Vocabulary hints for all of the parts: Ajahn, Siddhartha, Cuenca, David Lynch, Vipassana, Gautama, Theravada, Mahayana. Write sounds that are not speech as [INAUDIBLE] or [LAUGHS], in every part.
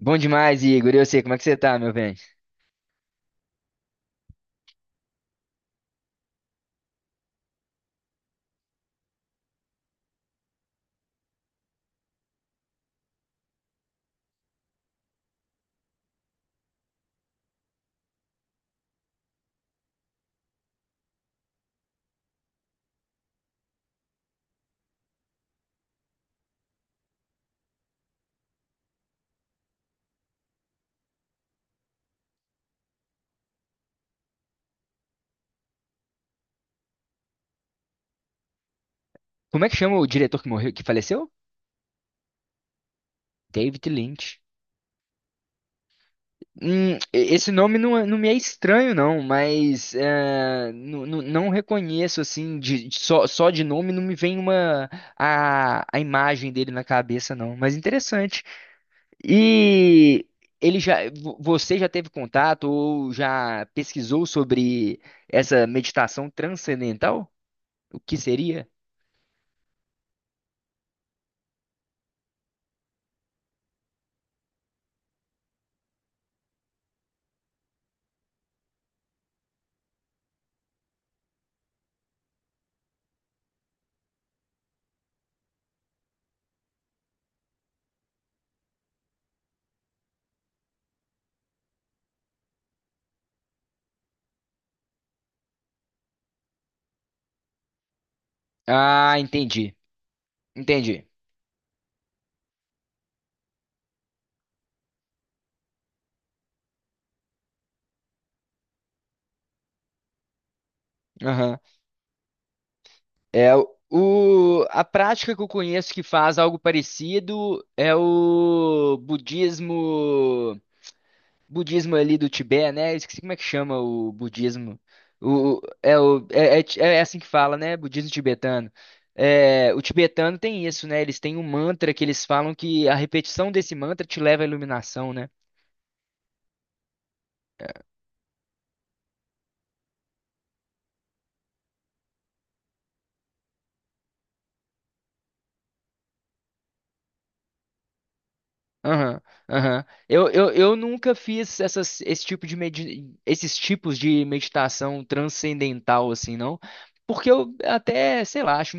Bom demais, Igor. E eu sei como é que você tá, meu bem? Como é que chama o diretor que morreu, que faleceu? David Lynch. Esse nome não, não me é estranho, não, mas não reconheço, assim, só, só de nome não me vem uma, a imagem dele na cabeça, não. Mas interessante. E ele já, você já teve contato ou já pesquisou sobre essa meditação transcendental? O que seria? Ah, entendi. Entendi. É o, a prática que eu conheço que faz algo parecido é o budismo ali do Tibete, né? Esqueci como é que chama o budismo. O, é, o, é, é, é assim que fala, né? Budismo tibetano. É, o tibetano tem isso, né? Eles têm um mantra que eles falam que a repetição desse mantra te leva à iluminação, né? Aham, aham. Eu nunca fiz essas, esse tipo de medi- esses tipos de meditação transcendental, assim, não. Porque eu até, sei lá, acho,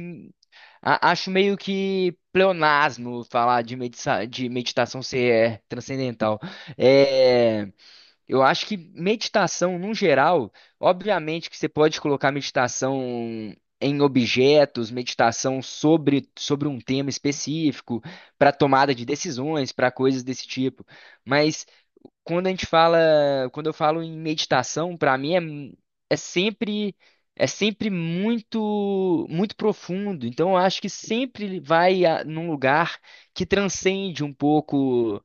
acho meio que pleonasmo falar de, de meditação ser é, transcendental. É. Eu acho que meditação, no geral, obviamente que você pode colocar meditação em objetos, meditação sobre um tema específico, para tomada de decisões, para coisas desse tipo. Mas quando a gente fala, quando eu falo em meditação, para mim é, é sempre é sempre muito muito profundo. Então eu acho que sempre vai a, num lugar que transcende um pouco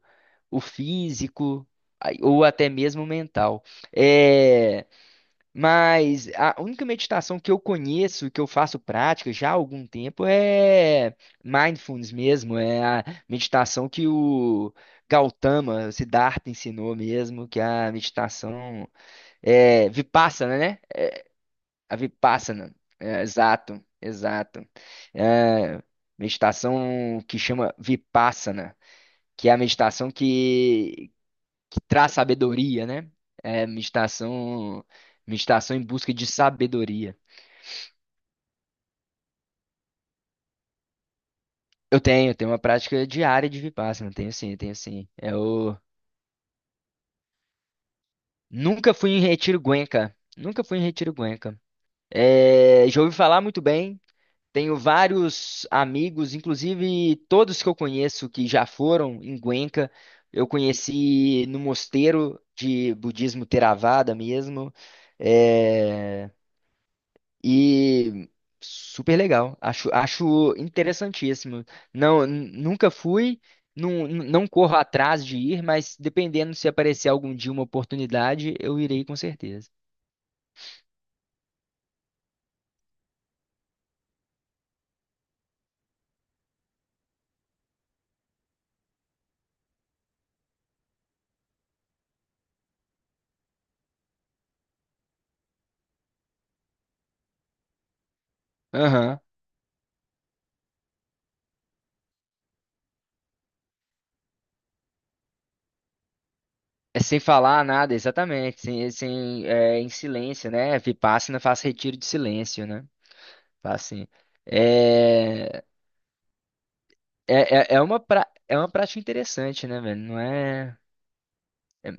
o físico ou até mesmo o mental. É, mas a única meditação que eu conheço, que eu faço prática já há algum tempo, é mindfulness mesmo, é a meditação que o Gautama, o Siddhartha ensinou mesmo, que é a meditação é, Vipassana, né? A Vipassana, é, exato, exato. É, meditação que chama Vipassana que é a meditação que traz sabedoria, né? É meditação, meditação em busca de sabedoria. Eu tenho uma prática diária de Vipassana, tenho sim, tenho sim. Eu nunca fui em retiro Cuenca, nunca fui em retiro Cuenca. É, já ouvi falar muito bem, tenho vários amigos, inclusive todos que eu conheço que já foram em Cuenca, eu conheci no mosteiro de budismo Theravada mesmo. É, e super legal. Acho, acho interessantíssimo. Não, nunca fui, não, não corro atrás de ir, mas dependendo se aparecer algum dia uma oportunidade, eu irei com certeza. Aham. É sem falar nada, exatamente. Sem, sem, é, em silêncio, né? Vipassana faz retiro de silêncio, né? Faz assim. É, é uma, pra, é uma prática interessante, né, velho? Não é. É.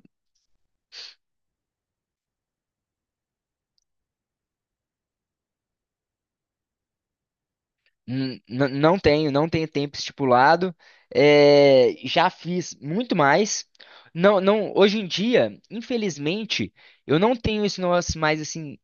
Não tenho, não tenho tempo estipulado. É, já fiz muito mais. Não, não, hoje em dia, infelizmente, eu não tenho isso nós mais assim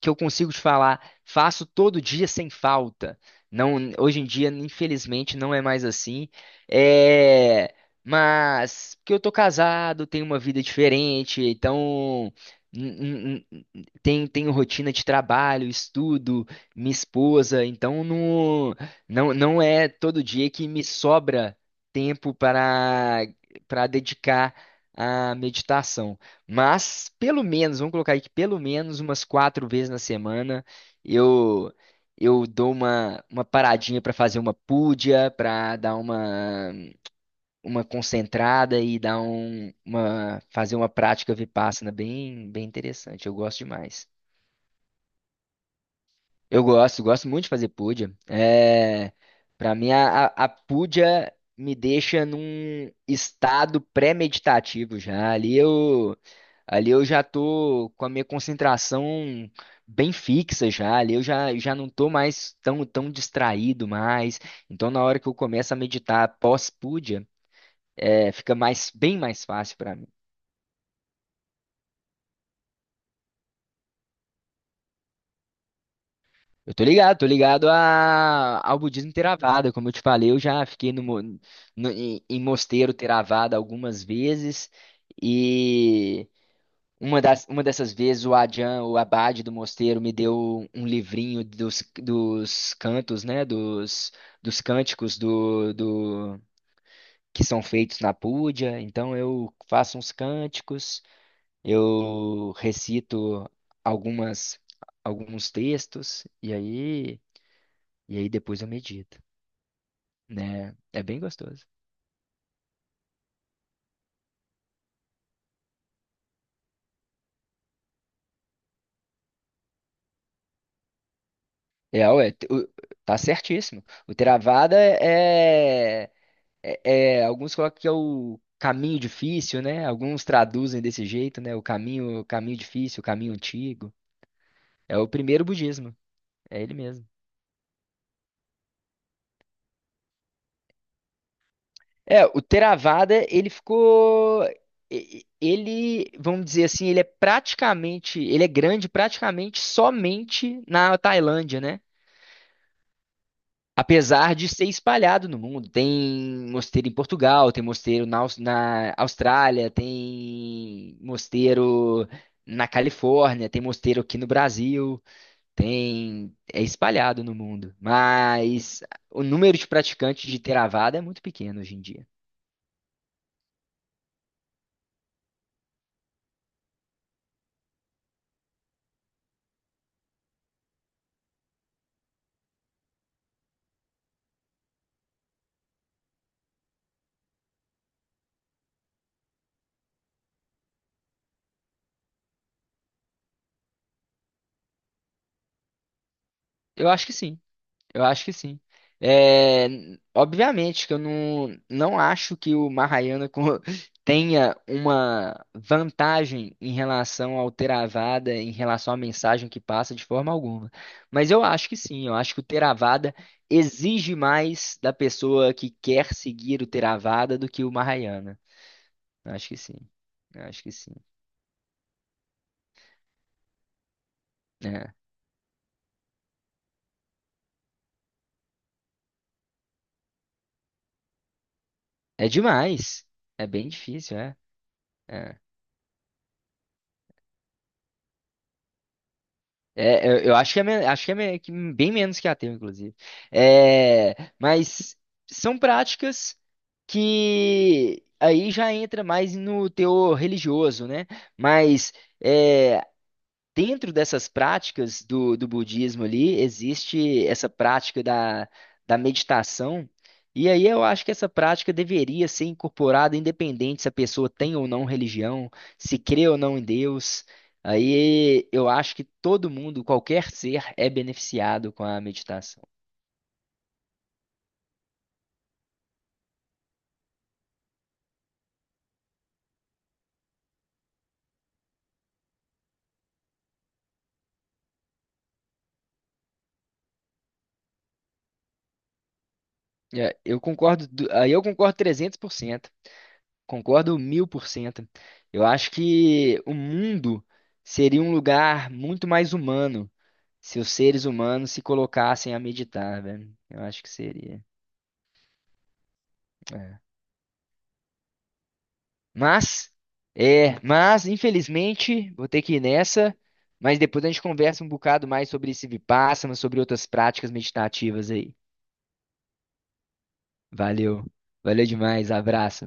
que eu consigo te falar, faço todo dia sem falta. Não, hoje em dia, infelizmente, não é mais assim. É, mas porque eu tô casado, tenho uma vida diferente, então n- n- tenho, tenho rotina de trabalho, estudo, minha esposa, então não, não, não é todo dia que me sobra tempo para para dedicar à meditação. Mas, pelo menos, vamos colocar aí que pelo menos umas quatro vezes na semana eu eu dou uma paradinha para fazer uma púdia, para dar uma concentrada e dar fazer uma prática vipassana bem, bem interessante. Eu gosto demais. Eu gosto, gosto muito de fazer puja. É, para mim, a puja me deixa num estado pré-meditativo já. Ali eu já tô com a minha concentração bem fixa já. Ali eu já, já não tô mais tão, tão distraído mais. Então, na hora que eu começo a meditar pós-puja, é, fica mais, bem mais fácil para mim. Eu tô ligado a, ao budismo Theravada. Como eu te falei, eu já fiquei no, em mosteiro Theravada algumas vezes e uma das, uma dessas vezes o Ajahn, o abade do mosteiro, me deu um livrinho dos, dos cantos, né, dos, dos cânticos do que são feitos na Púdia. Então eu faço uns cânticos, eu recito algumas alguns textos e aí depois eu medito, né? É bem gostoso. É, ué, t- o- tá certíssimo. O Theravada é, alguns colocam que é o caminho difícil, né? Alguns traduzem desse jeito, né? O caminho difícil, o caminho antigo. É o primeiro budismo, é ele mesmo. É, o Theravada, ele ficou ele, vamos dizer assim, ele é praticamente, ele é grande praticamente somente na Tailândia, né? Apesar de ser espalhado no mundo, tem mosteiro em Portugal, tem mosteiro na, na Austrália, tem mosteiro na Califórnia, tem mosteiro aqui no Brasil, tem é espalhado no mundo, mas o número de praticantes de Theravada é muito pequeno hoje em dia. Eu acho que sim. Eu acho que sim. É, obviamente que eu não, não acho que o Mahayana [LAUGHS] tenha uma vantagem em relação ao Theravada, em relação à mensagem que passa de forma alguma. Mas eu acho que sim, eu acho que o Theravada exige mais da pessoa que quer seguir o Theravada do que o Mahayana. Eu acho que sim. Eu acho que sim. É, é demais. É bem difícil, é. É. É, eu, acho que é que bem menos que ateu, inclusive. É, mas são práticas que aí já entra mais no teor religioso, né? Mas é, dentro dessas práticas do, do budismo ali, existe essa prática da, da meditação. E aí eu acho que essa prática deveria ser incorporada, independente se a pessoa tem ou não religião, se crê ou não em Deus. Aí eu acho que todo mundo, qualquer ser, é beneficiado com a meditação. É, eu concordo, aí eu concordo 300%. Concordo 1000%. Eu acho que o mundo seria um lugar muito mais humano se os seres humanos se colocassem a meditar, velho. Eu acho que seria. É. Mas, é, mas, infelizmente, vou ter que ir nessa. Mas depois a gente conversa um bocado mais sobre esse Vipassana, sobre outras práticas meditativas aí. Valeu. Valeu demais. Abraço.